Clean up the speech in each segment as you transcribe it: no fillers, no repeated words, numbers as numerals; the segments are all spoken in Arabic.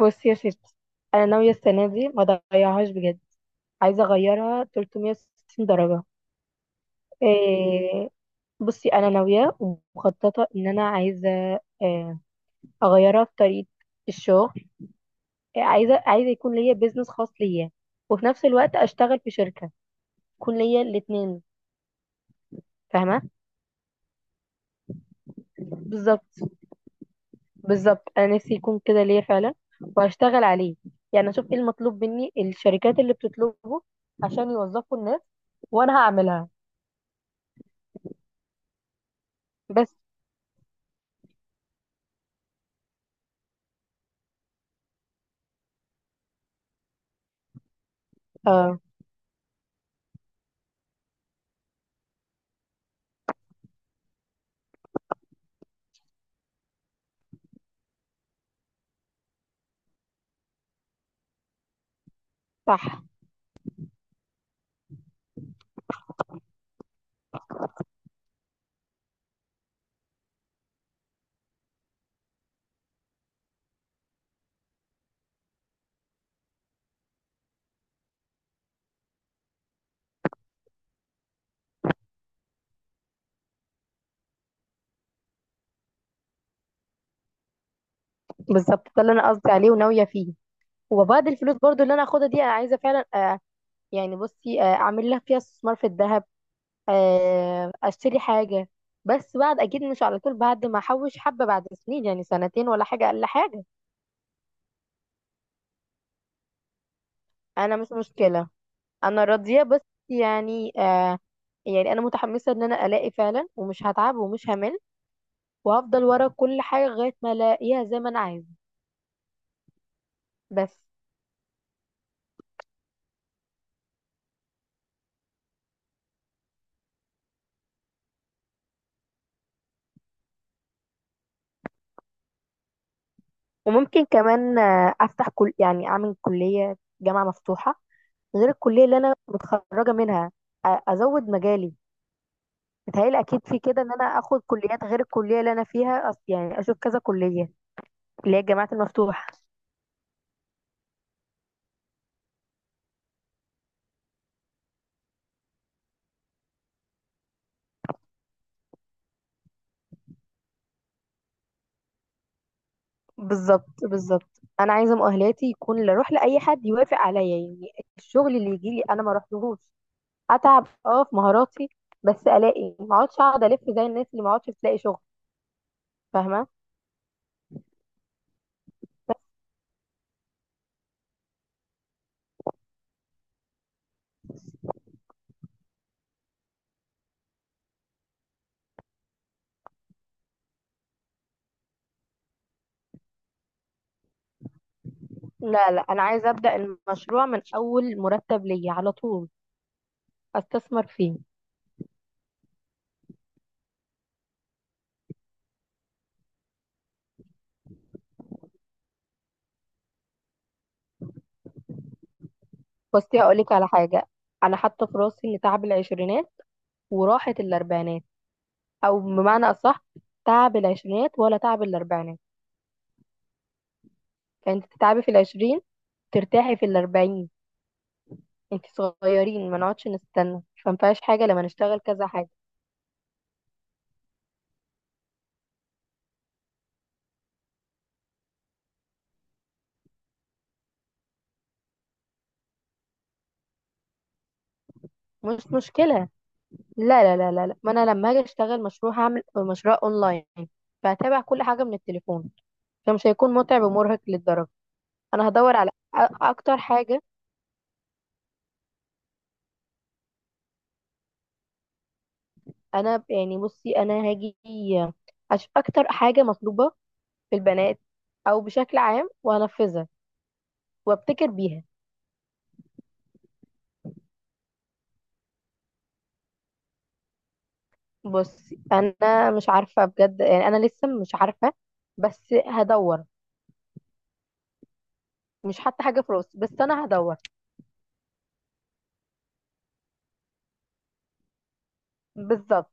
بصي يا ستي، انا ناويه السنه دي ما اضيعهاش بجد. عايزه اغيرها 360 درجه. إيه؟ بصي انا ناويه ومخططه ان انا عايزه، آه، اغيرها في طريقه الشغل. عايزه يكون ليا بيزنس خاص ليا، وفي نفس الوقت اشتغل في شركه، يكون ليا الاثنين. فاهمه؟ بالظبط. بالظبط انا نفسي يكون كده ليا فعلا، وهشتغل عليه. يعني اشوف ايه المطلوب مني الشركات اللي بتطلبه عشان يوظفوا الناس، وانا هعملها. بس. آه، صح. بالظبط ده اللي انا قصدي عليه وناويه فيه. وبعد الفلوس برضو اللي انا هاخدها دي انا عايزه فعلا، يعني بصي، اعمل لها فيها استثمار في الذهب، آه اشتري حاجه. بس بعد، اكيد مش على طول، بعد ما احوش حبه، بعد سنين يعني سنتين ولا حاجه، اقل حاجه. انا مش مشكله، انا راضيه بس. يعني آه يعني انا متحمسه ان انا الاقي فعلا، ومش هتعب ومش همل، وهفضل ورا كل حاجه لغايه ما الاقيها زي ما انا عايزه. بس. وممكن كمان افتح كل يعني اعمل كليه جامعه مفتوحه، غير الكليه اللي انا متخرجه منها. ازود مجالي. متهيألي اكيد في كده ان انا اخد كليات غير الكليه اللي انا فيها، يعني اشوف كذا كليه، اللي هي الجامعات المفتوحه. بالظبط. بالظبط انا عايزه مؤهلاتي يكون لا اروح لاي حد يوافق عليا يعني. الشغل اللي يجي لي انا ما اروحلهوش. اتعب اه في مهاراتي، بس الاقي، ما اقعدش اقعد الف زي الناس اللي ما اقعدش تلاقي شغل. فاهمه؟ لا لا، انا عايزه ابدا المشروع من اول مرتب ليا على طول، استثمر فيه. بصي هقولك على حاجة. أنا حاطة في راسي إن تعب العشرينات وراحة الأربعينات. أو بمعنى أصح، تعب العشرينات ولا تعب الأربعينات. فأنت تتعبي في العشرين، ترتاحي في الأربعين. أنت صغيرين، ما نقعدش نستنى، فمفيهاش حاجة لما نشتغل كذا حاجة. مش مشكلة. لا لا لا لا لا. ما أنا لما أجي أشتغل مشروع هعمل مشروع أونلاين، فهتابع كل حاجة من التليفون، فمش هيكون متعب ومرهق للدرجة. أنا هدور على أكتر حاجة. انا يعني بصي انا هاجي اشوف اكتر حاجه مطلوبه في البنات او بشكل عام، وانفذها وابتكر بيها. بصي انا مش عارفه بجد، يعني انا لسه مش عارفه، بس هدور. مش حتى حاجه في راسي، بس انا هدور. بالظبط.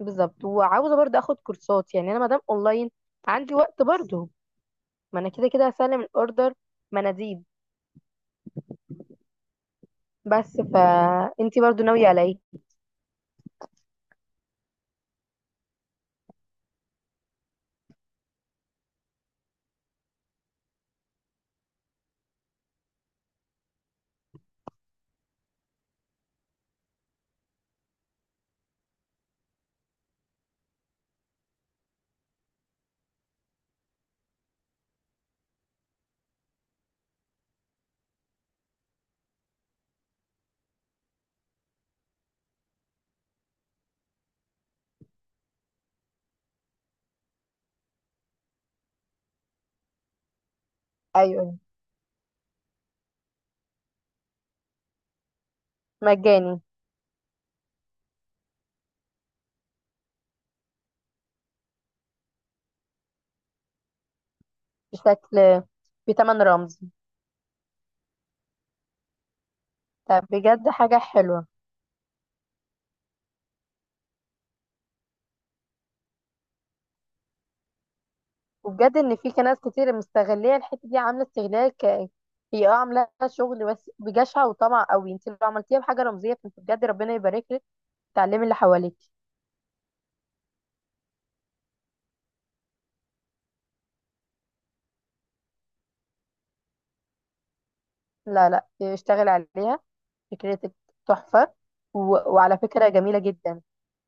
بالظبط وعاوزه برضه اخد كورسات، يعني انا مادام اونلاين عندي وقت برضه. ما انا كده كده هسلم الاوردر مناديب. بس، فانتي برضه ناويه على ايه؟ ايوه. مجاني. بشكل، بتمن رمز. طب بجد حاجة حلوة. وبجد ان في ناس كتير مستغلية الحتة دي عاملة استغلال هي اه عاملة شغل بس بجشع وطمع قوي. انت لو عملتيها بحاجة رمزية فانت بجد ربنا يبارك لك. تعلمي اللي حواليك. لا لا، اشتغل عليها، فكرتك تحفة. و... وعلى فكرة جميلة جدا،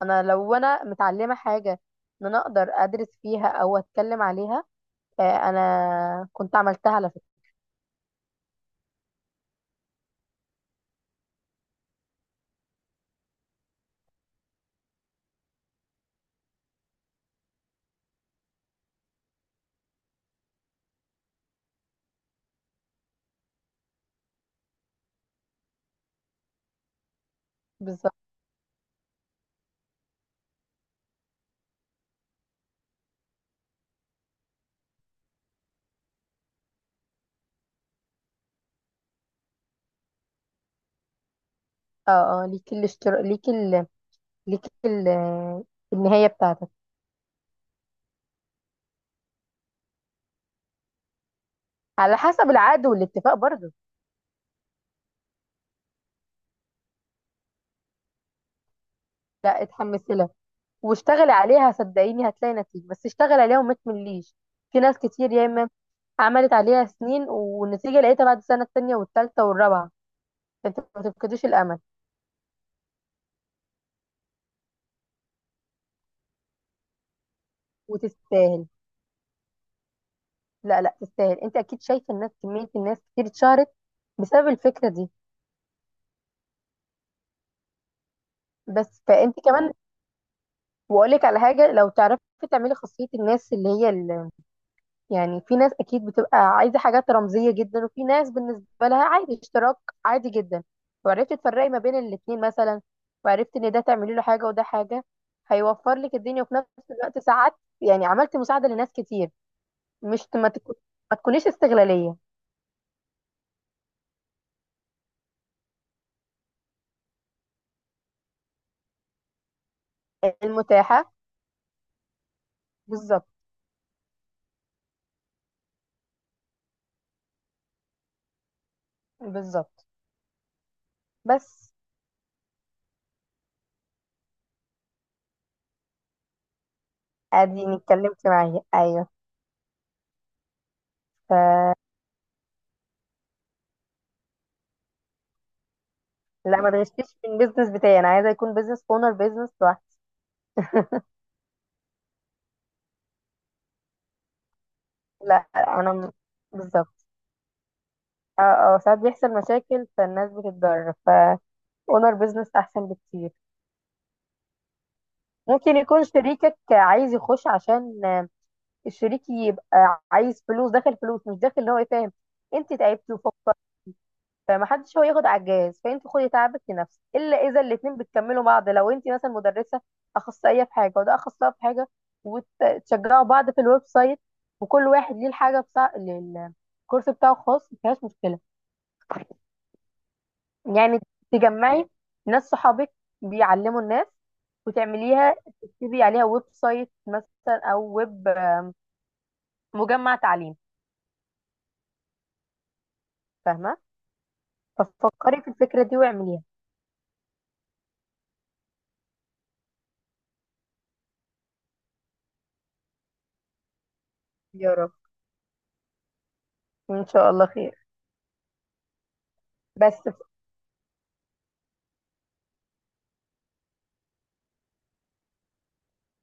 انا لو انا متعلمة حاجة ان انا اقدر ادرس فيها او اتكلم عليها. انا كنت عملتها على فكرة. بالظبط. اه اه، ليكي الاشتراك، ليكي ال... النهاية بتاعتك. على حسب العقد والاتفاق برضه. لا، اتحمسي لها واشتغلي عليها، صدقيني هتلاقي نتيجة، بس اشتغلي عليها وما تمليش. في ناس كتير يا اما عملت عليها سنين، والنتيجة لقيتها بعد السنة التانية والتالتة والرابعة. فانت ما تفقديش الأمل. وتستاهل. لا لا، تستاهل. انت اكيد شايفة الناس، كمية الناس كتير اتشهرت بسبب الفكرة دي. بس فانت كمان. واقول لك على حاجة. لو تعرفي تعملي خاصية الناس اللي هي، يعني في ناس اكيد بتبقى عايزه حاجات رمزيه جدا، وفي ناس بالنسبه لها عادي، اشتراك عادي جدا. وعرفت تفرقي ما بين الاتنين مثلا، وعرفت ان ده تعملي له حاجه وده حاجه، هيوفر لك الدنيا، وفي نفس الوقت ساعات يعني عملت مساعده لناس كتير. مش ما تكون، ما تكونيش استغلاليه. المتاحه. بالظبط. بالظبط بس. اديني اتكلمت معايا ايوه. ف... لا، ما تغشيش في البيزنس بتاعي، انا عايزه يكون بيزنس اونر، بيزنس لوحدي. لا بالظبط. اه اه، ساعات بيحصل مشاكل، فالناس بتتضرر، فاونر بزنس احسن بكتير. ممكن يكون شريكك عايز يخش، عشان الشريك يبقى عايز فلوس داخل، فلوس مش داخل، ان هو يفهم انت تعبتي وفكر. فمحدش هو ياخد على الجهاز، فانت خدي تعبك لنفسك، الا اذا الاتنين بتكملوا بعض، لو انت مثلا مدرسه اخصائيه في حاجه، وده اخصائي في حاجه، وتشجعوا بعض في الويب سايت. وكل واحد ليه الحاجه بتاع الكورس بتاعه خاص، مفيهاش مشكله. يعني تجمعي ناس صحابك بيعلموا الناس وتعمليها، تكتبي عليها ويب سايت مثلا او ويب مجمع تعليم. فاهمه؟ ففكري في الفكره دي واعمليها. يا رب، ان شاء الله خير. بس ف-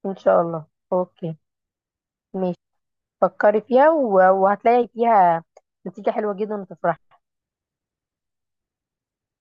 ان شاء الله. اوكي. ماشي. فكري فيها وهتلاقي فيها نتيجه حلوه جدا وتفرحي.